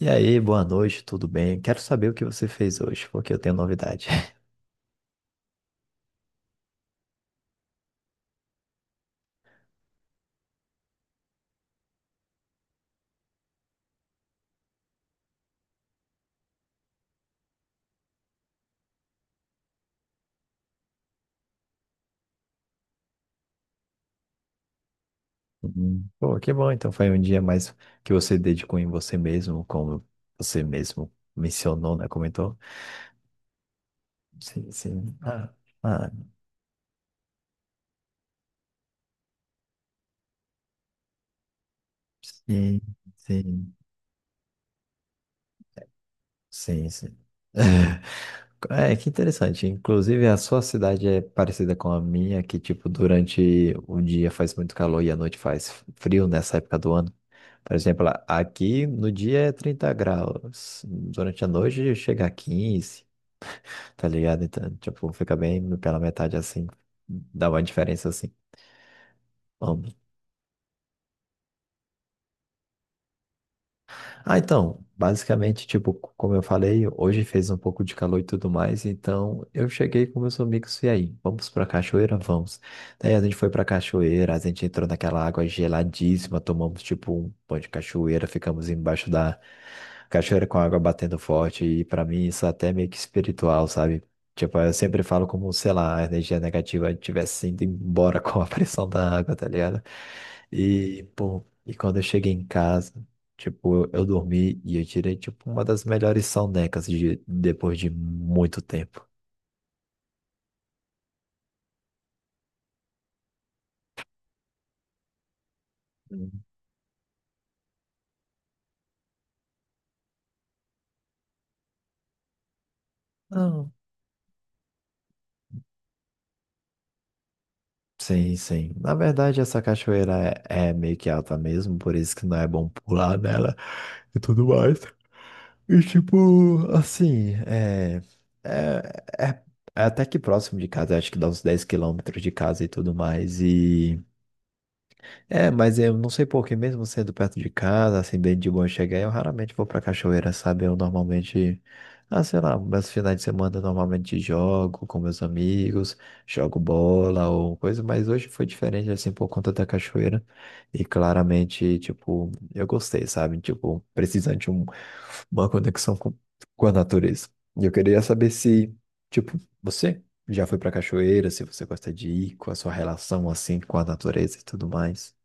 E aí, boa noite, tudo bem? Quero saber o que você fez hoje, porque eu tenho novidade. Uhum. Pô, que bom, então foi um dia mais que você dedicou em você mesmo, como você mesmo mencionou, né? Comentou? Sim, sim. Ah, ah, sim, sim, sim, sim. É, que interessante. Inclusive, a sua cidade é parecida com a minha, que, tipo, durante o dia faz muito calor e à noite faz frio nessa época do ano. Por exemplo, lá, aqui no dia é 30 graus, durante a noite chega a 15, tá ligado? Então, tipo, fica bem pela metade assim, dá uma diferença assim. Bom, ah, então, basicamente, tipo, como eu falei, hoje fez um pouco de calor e tudo mais, então eu cheguei com meus amigos e aí, vamos pra cachoeira? Vamos. Daí a gente foi pra cachoeira, a gente entrou naquela água geladíssima, tomamos tipo um pão de cachoeira, ficamos embaixo da cachoeira com a água batendo forte, e pra mim isso é até meio que espiritual, sabe? Tipo, eu sempre falo como, sei lá, a energia negativa estivesse indo embora com a pressão da água, tá ligado? E, pô, e quando eu cheguei em casa, tipo, eu dormi e eu tirei, tipo, uma das melhores sonecas de, depois de muito tempo. Não. Sim, sim. Na verdade, essa cachoeira é, meio que alta mesmo, por isso que não é bom pular nela e tudo mais. E, tipo, assim, é, é, é até que próximo de casa, acho que dá uns 10 km de casa e tudo mais. E. É, mas eu não sei por que, mesmo sendo perto de casa, assim, bem de boa chegar, eu raramente vou pra cachoeira, sabe? Eu normalmente, ah, sei lá, meus finais de semana eu normalmente jogo com meus amigos, jogo bola ou coisa, mas hoje foi diferente, assim, por conta da cachoeira. E claramente, tipo, eu gostei, sabe? Tipo, uma conexão com a natureza. E eu queria saber se, tipo, você já foi pra cachoeira, se você gosta de ir, com a sua relação, assim, com a natureza e tudo mais.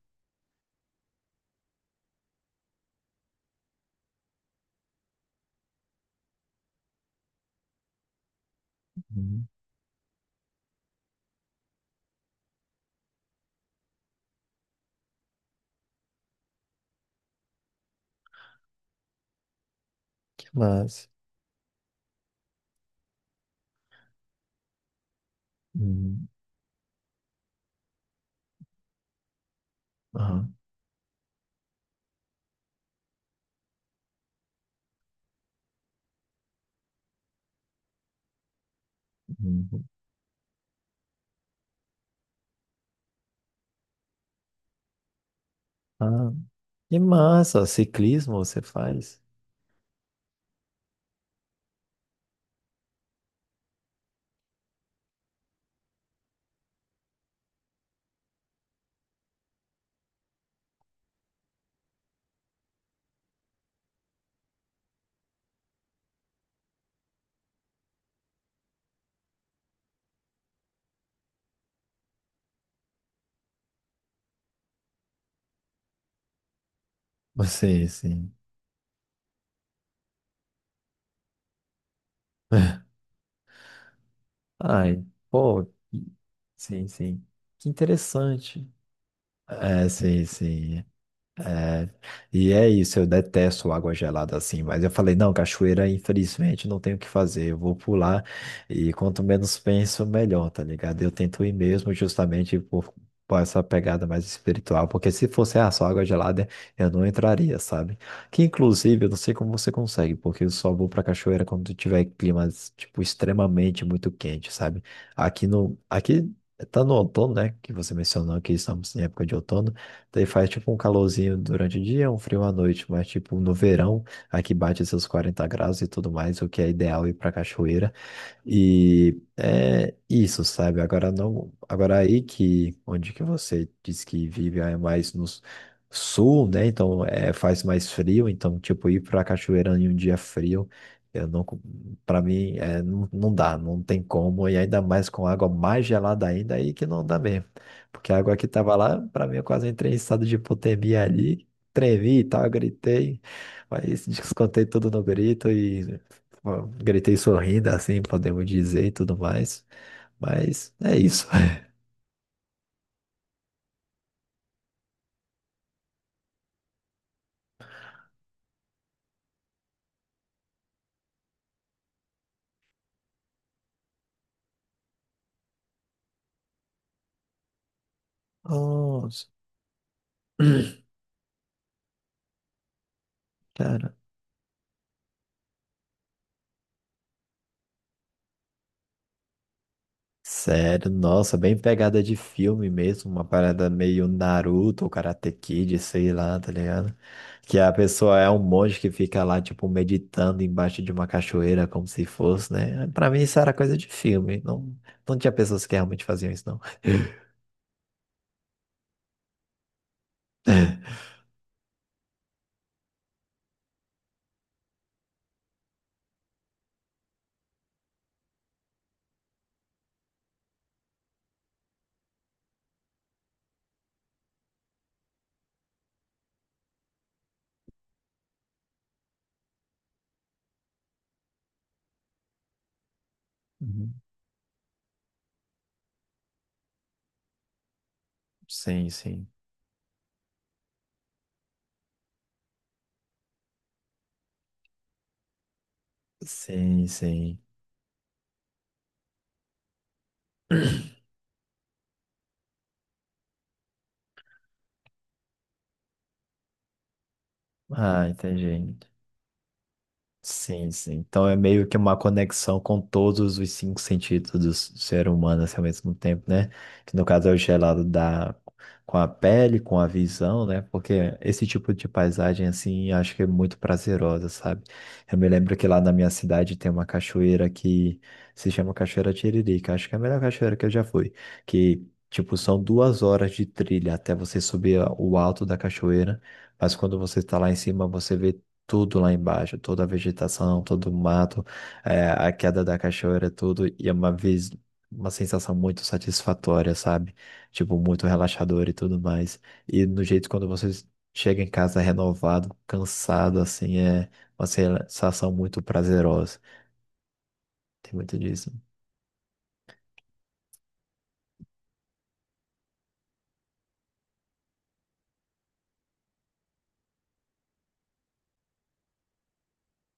Hum, que massa. Hum, aham, hum, ah, que massa. Ciclismo você faz? Você, sim. Ai, pô, que- sim, sim. Que interessante. É, sim, sim. É, e é isso, eu detesto água gelada assim, mas eu falei, não, cachoeira, infelizmente, não tenho o que fazer, eu vou pular e quanto menos penso, melhor, tá ligado? Eu tento ir mesmo justamente por essa pegada mais espiritual, porque se fosse ah, só água gelada, eu não entraria, sabe? Que inclusive, eu não sei como você consegue, porque eu só vou pra cachoeira quando tiver climas, tipo, extremamente muito quente, sabe? Aqui tá no outono, né, que você mencionou que estamos em época de outono, daí faz tipo um calorzinho durante o dia, um frio à noite, mas tipo no verão, aqui bate seus 40 graus e tudo mais, o que é ideal ir pra cachoeira. E é isso, sabe? Agora não, agora aí que onde que você diz que vive é mais no sul, né? Então é, faz mais frio, então tipo ir para a cachoeira em um dia frio, eu não, para mim é, não, não dá, não tem como e ainda mais com água mais gelada ainda aí que não dá mesmo, porque a água que tava lá para mim eu quase entrei em estado de hipotermia ali, tremi e tal, gritei, mas descontei tudo no grito. Ó, gritei sorrindo, assim podemos dizer e tudo mais. Mas é isso. Nossa. Cara, sério, nossa, bem pegada de filme mesmo, uma parada meio Naruto ou Karate Kid, sei lá, tá ligado? Que a pessoa é um monge que fica lá, tipo, meditando embaixo de uma cachoeira, como se fosse, né? Pra mim isso era coisa de filme, não, não tinha pessoas que realmente faziam isso, não. Uhum. Sim, sim. Sim, sim. Ah, entendi. Sim, sim. Então é meio que uma conexão com todos os cinco sentidos do ser humano assim, ao mesmo tempo, né? Que no caso é o gelado da... com a pele, com a visão, né? Porque esse tipo de paisagem, assim, acho que é muito prazerosa, sabe? Eu me lembro que lá na minha cidade tem uma cachoeira que se chama Cachoeira Tiririca. Acho que é a melhor cachoeira que eu já fui. Que, tipo, são 2 horas de trilha até você subir o alto da cachoeira. Mas quando você está lá em cima, você vê tudo lá embaixo, toda a vegetação, todo o mato, é, a queda da cachoeira, tudo, e é uma vez uma sensação muito satisfatória, sabe? Tipo, muito relaxador e tudo mais. E no jeito quando você chega em casa renovado, cansado, assim, é uma sensação muito prazerosa. Tem muito disso.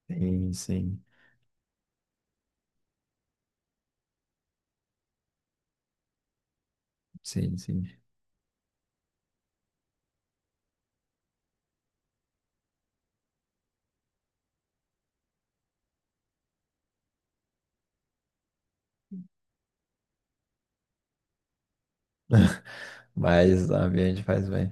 Sim, sim, sim, sim. Mas a viagem faz bem.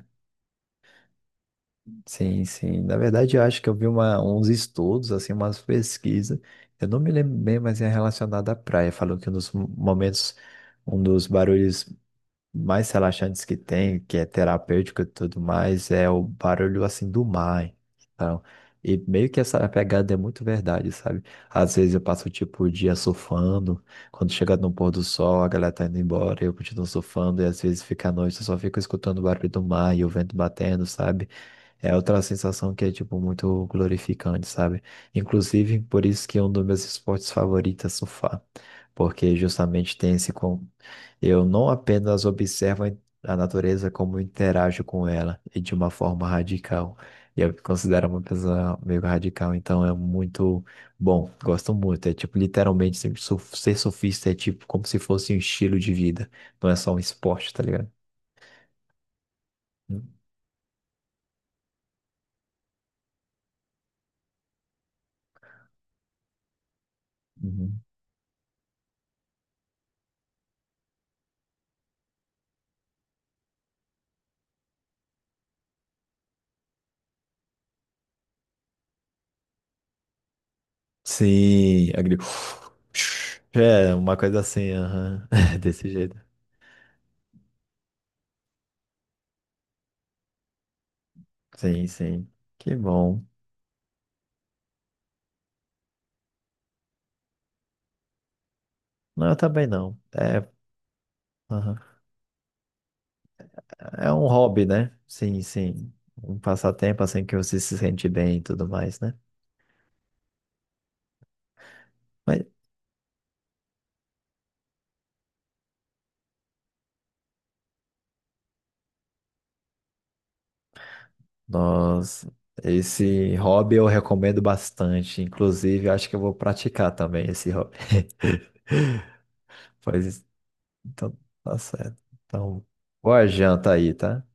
Sim, sim. Na verdade, eu acho que eu vi uma, uns estudos, assim, umas pesquisas. Eu não me lembro bem, mas é relacionado à praia. Falou que um dos momentos, um dos barulhos mais relaxantes que tem, que é terapêutico e tudo mais, é o barulho assim do mar. Então, e meio que essa pegada é muito verdade, sabe? Às vezes eu passo tipo o dia surfando, quando chega no pôr do sol, a galera tá indo embora, eu continuo surfando, e às vezes fica à noite, eu só fico escutando o barulho do mar e o vento batendo, sabe? É outra sensação que é, tipo, muito glorificante, sabe? Inclusive, por isso que é um dos meus esportes favoritos é surfar. Porque justamente tem esse eu não apenas observo a natureza como interajo com ela e de uma forma radical. E eu me considero uma pessoa meio radical, então é muito bom, gosto muito. É tipo, literalmente, ser surfista é tipo como se fosse um estilo de vida, não é só um esporte, tá ligado? Uhum. Sim, agri... É, uma coisa assim, aham. Desse jeito. Sim, sim. Que bom. Não, eu também não. É, aham. É um hobby, né? Sim, sim. Um passatempo assim que você se sente bem e tudo mais, né? Mas, nossa, esse hobby eu recomendo bastante. Inclusive, eu acho que eu vou praticar também esse hobby. Pois, então, tá certo. Então, boa janta aí, tá?